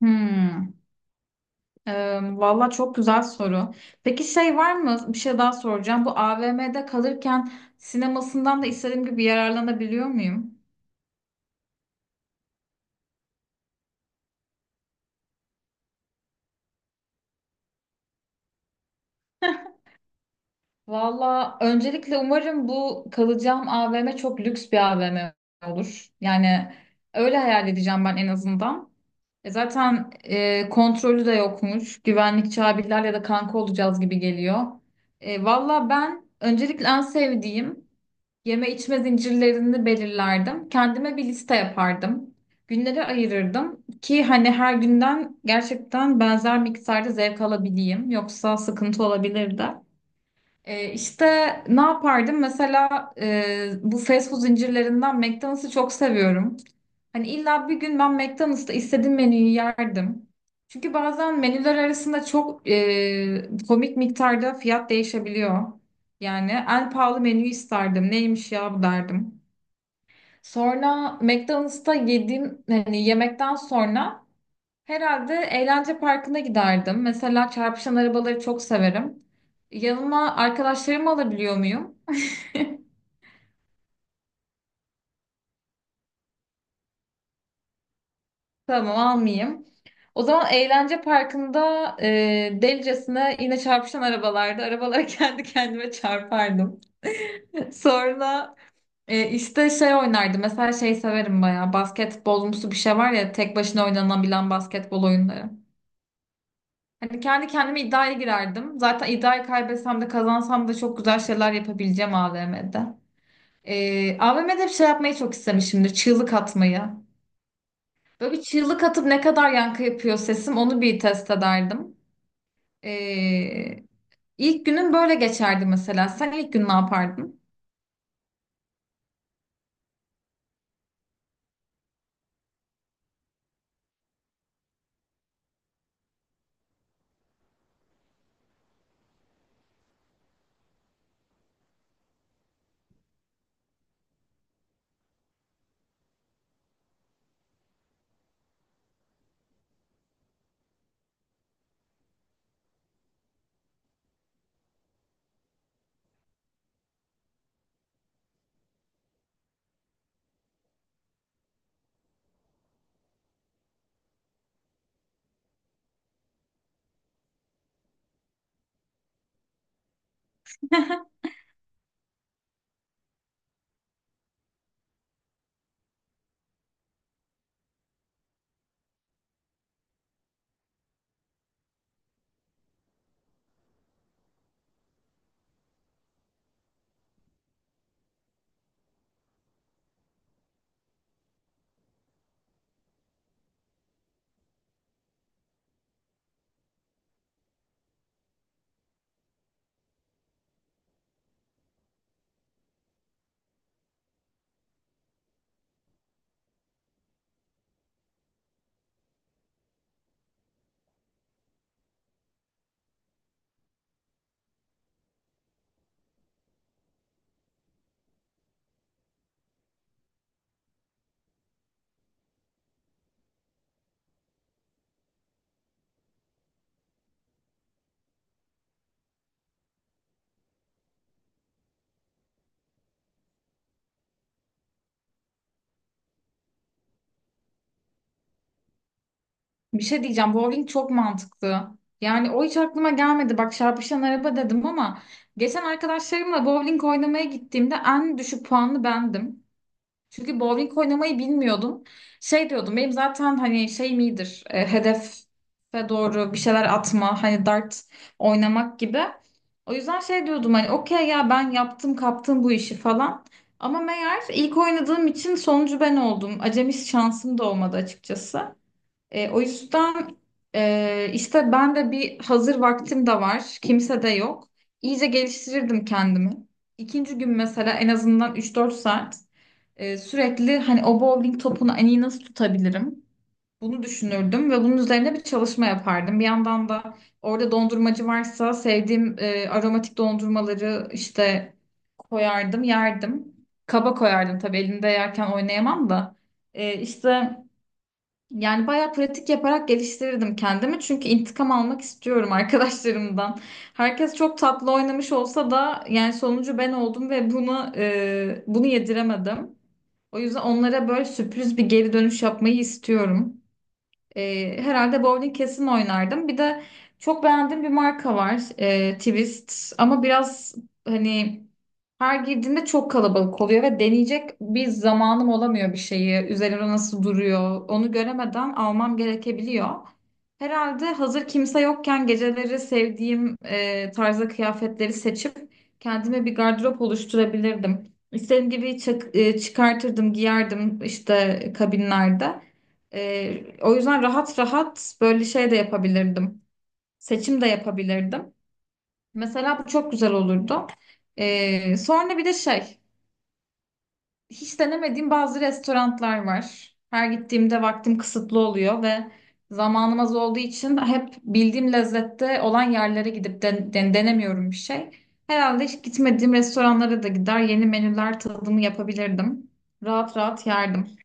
Hmm, e, Valla çok güzel soru. Peki şey var mı? Bir şey daha soracağım. Bu AVM'de kalırken sinemasından da istediğim gibi yararlanabiliyor muyum? Valla öncelikle umarım bu kalacağım AVM çok lüks bir AVM olur. Yani öyle hayal edeceğim ben en azından. Zaten kontrolü de yokmuş. Güvenlikçi abilerle de kanka olacağız gibi geliyor. Valla ben öncelikle en sevdiğim yeme içme zincirlerini belirlerdim. Kendime bir liste yapardım. Günleri ayırırdım ki hani her günden gerçekten benzer miktarda zevk alabileyim. Yoksa sıkıntı olabilirdi. İşte ne yapardım? Mesela bu fast food zincirlerinden McDonald's'ı çok seviyorum. Hani illa bir gün ben McDonald's'ta istediğim menüyü yerdim. Çünkü bazen menüler arasında çok komik miktarda fiyat değişebiliyor. Yani en pahalı menüyü isterdim. Neymiş ya bu derdim. Sonra McDonald's'ta yediğim hani yemekten sonra herhalde eğlence parkına giderdim. Mesela çarpışan arabaları çok severim. Yanıma arkadaşlarımı alabiliyor muyum? Tamam almayayım. O zaman eğlence parkında delicesine yine çarpışan arabalarda arabalara kendi kendime çarpardım. Sonra işte şey oynardım. Mesela şey severim bayağı. Basketbolumsu bir şey var ya tek başına oynanabilen basketbol oyunları. Hani kendi kendime iddiaya girerdim. Zaten iddiayı kaybetsem de kazansam da çok güzel şeyler yapabileceğim AVM'de. AVM'de bir şey yapmayı çok istemişimdir. Çığlık atmayı. Böyle bir çığlık atıp ne kadar yankı yapıyor sesim onu bir test ederdim. Ee, ilk günün böyle geçerdi mesela. Sen ilk gün ne yapardın? Bir şey diyeceğim. Bowling çok mantıklı. Yani o hiç aklıma gelmedi. Bak çarpışan araba dedim ama geçen arkadaşlarımla bowling oynamaya gittiğimde en düşük puanlı bendim. Çünkü bowling oynamayı bilmiyordum. Şey diyordum benim zaten hani şeyim iyidir. Hedefe doğru bir şeyler atma hani dart oynamak gibi. O yüzden şey diyordum hani okey ya ben yaptım kaptım bu işi falan. Ama meğer ilk oynadığım için sonucu ben oldum. Acemi şansım da olmadı açıkçası. O yüzden işte ben de bir hazır vaktim de var. Kimse de yok. İyice geliştirirdim kendimi. İkinci gün mesela en azından 3-4 saat sürekli hani o bowling topunu en iyi nasıl tutabilirim? Bunu düşünürdüm ve bunun üzerine bir çalışma yapardım. Bir yandan da orada dondurmacı varsa sevdiğim aromatik dondurmaları işte koyardım, yerdim. Kaba koyardım tabii elimde yerken oynayamam da. İşte yani bayağı pratik yaparak geliştirirdim kendimi. Çünkü intikam almak istiyorum arkadaşlarımdan. Herkes çok tatlı oynamış olsa da yani sonucu ben oldum ve bunu yediremedim. O yüzden onlara böyle sürpriz bir geri dönüş yapmayı istiyorum. Herhalde bowling kesin oynardım. Bir de çok beğendiğim bir marka var. Twist. Ama biraz hani her girdiğimde çok kalabalık oluyor ve deneyecek bir zamanım olamıyor bir şeyi. Üzerine nasıl duruyor onu göremeden almam gerekebiliyor. Herhalde hazır kimse yokken geceleri sevdiğim tarzda kıyafetleri seçip kendime bir gardırop oluşturabilirdim. İstediğim gibi çıkartırdım, giyerdim işte kabinlerde. O yüzden rahat rahat böyle şey de yapabilirdim. Seçim de yapabilirdim. Mesela bu çok güzel olurdu. Sonra bir de şey, hiç denemediğim bazı restoranlar var. Her gittiğimde vaktim kısıtlı oluyor ve zamanım az olduğu için hep bildiğim lezzette olan yerlere gidip denemiyorum bir şey. Herhalde hiç gitmediğim restoranlara da gider, yeni menüler tadımı yapabilirdim. Rahat rahat yerdim.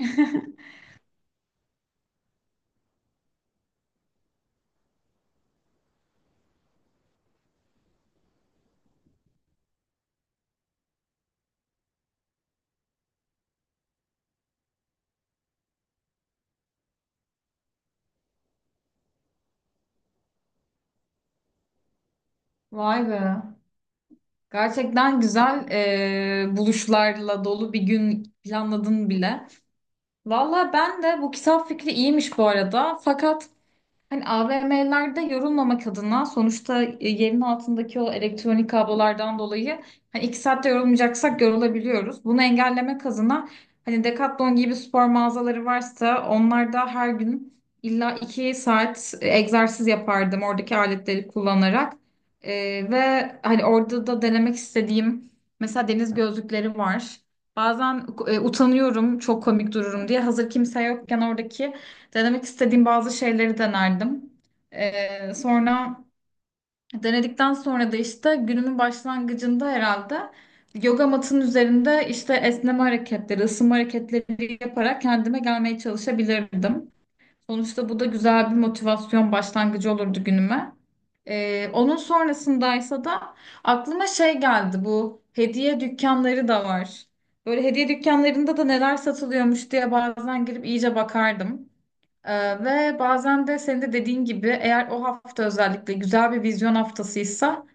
Vay be. Gerçekten güzel buluşlarla dolu bir gün planladın bile. Valla ben de bu kitap fikri iyiymiş bu arada. Fakat hani AVM'lerde yorulmamak adına sonuçta yerin altındaki o elektronik kablolardan dolayı hani 2 saatte yorulmayacaksak yorulabiliyoruz. Bunu engellemek adına hani Decathlon gibi spor mağazaları varsa onlarda her gün illa 2 saat egzersiz yapardım oradaki aletleri kullanarak. E, Ve hani orada da denemek istediğim mesela deniz gözlükleri var. Bazen utanıyorum çok komik dururum diye hazır kimse yokken oradaki denemek istediğim bazı şeyleri denerdim. Sonra denedikten sonra da işte günümün başlangıcında herhalde yoga matının üzerinde işte esneme hareketleri, ısınma hareketleri yaparak kendime gelmeye çalışabilirdim. Sonuçta bu da güzel bir motivasyon başlangıcı olurdu günüme. Onun sonrasındaysa da aklıma şey geldi bu hediye dükkanları da var. Böyle hediye dükkanlarında da neler satılıyormuş diye bazen girip iyice bakardım. Ve bazen de senin de dediğin gibi eğer o hafta özellikle güzel bir vizyon haftasıysa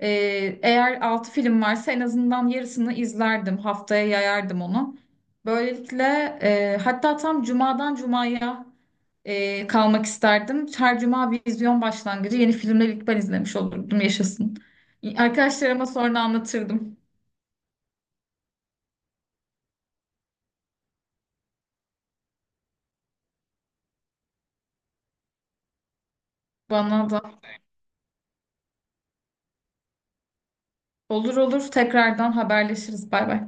e, eğer 6 film varsa en azından yarısını izlerdim. Haftaya yayardım onu. Böylelikle hatta tam cumadan cumaya kalmak isterdim. Her cuma vizyon başlangıcı yeni filmleri ilk ben izlemiş olurdum yaşasın. Arkadaşlarıma sonra anlatırdım. Bana da. Olur olur tekrardan haberleşiriz. Bay bay.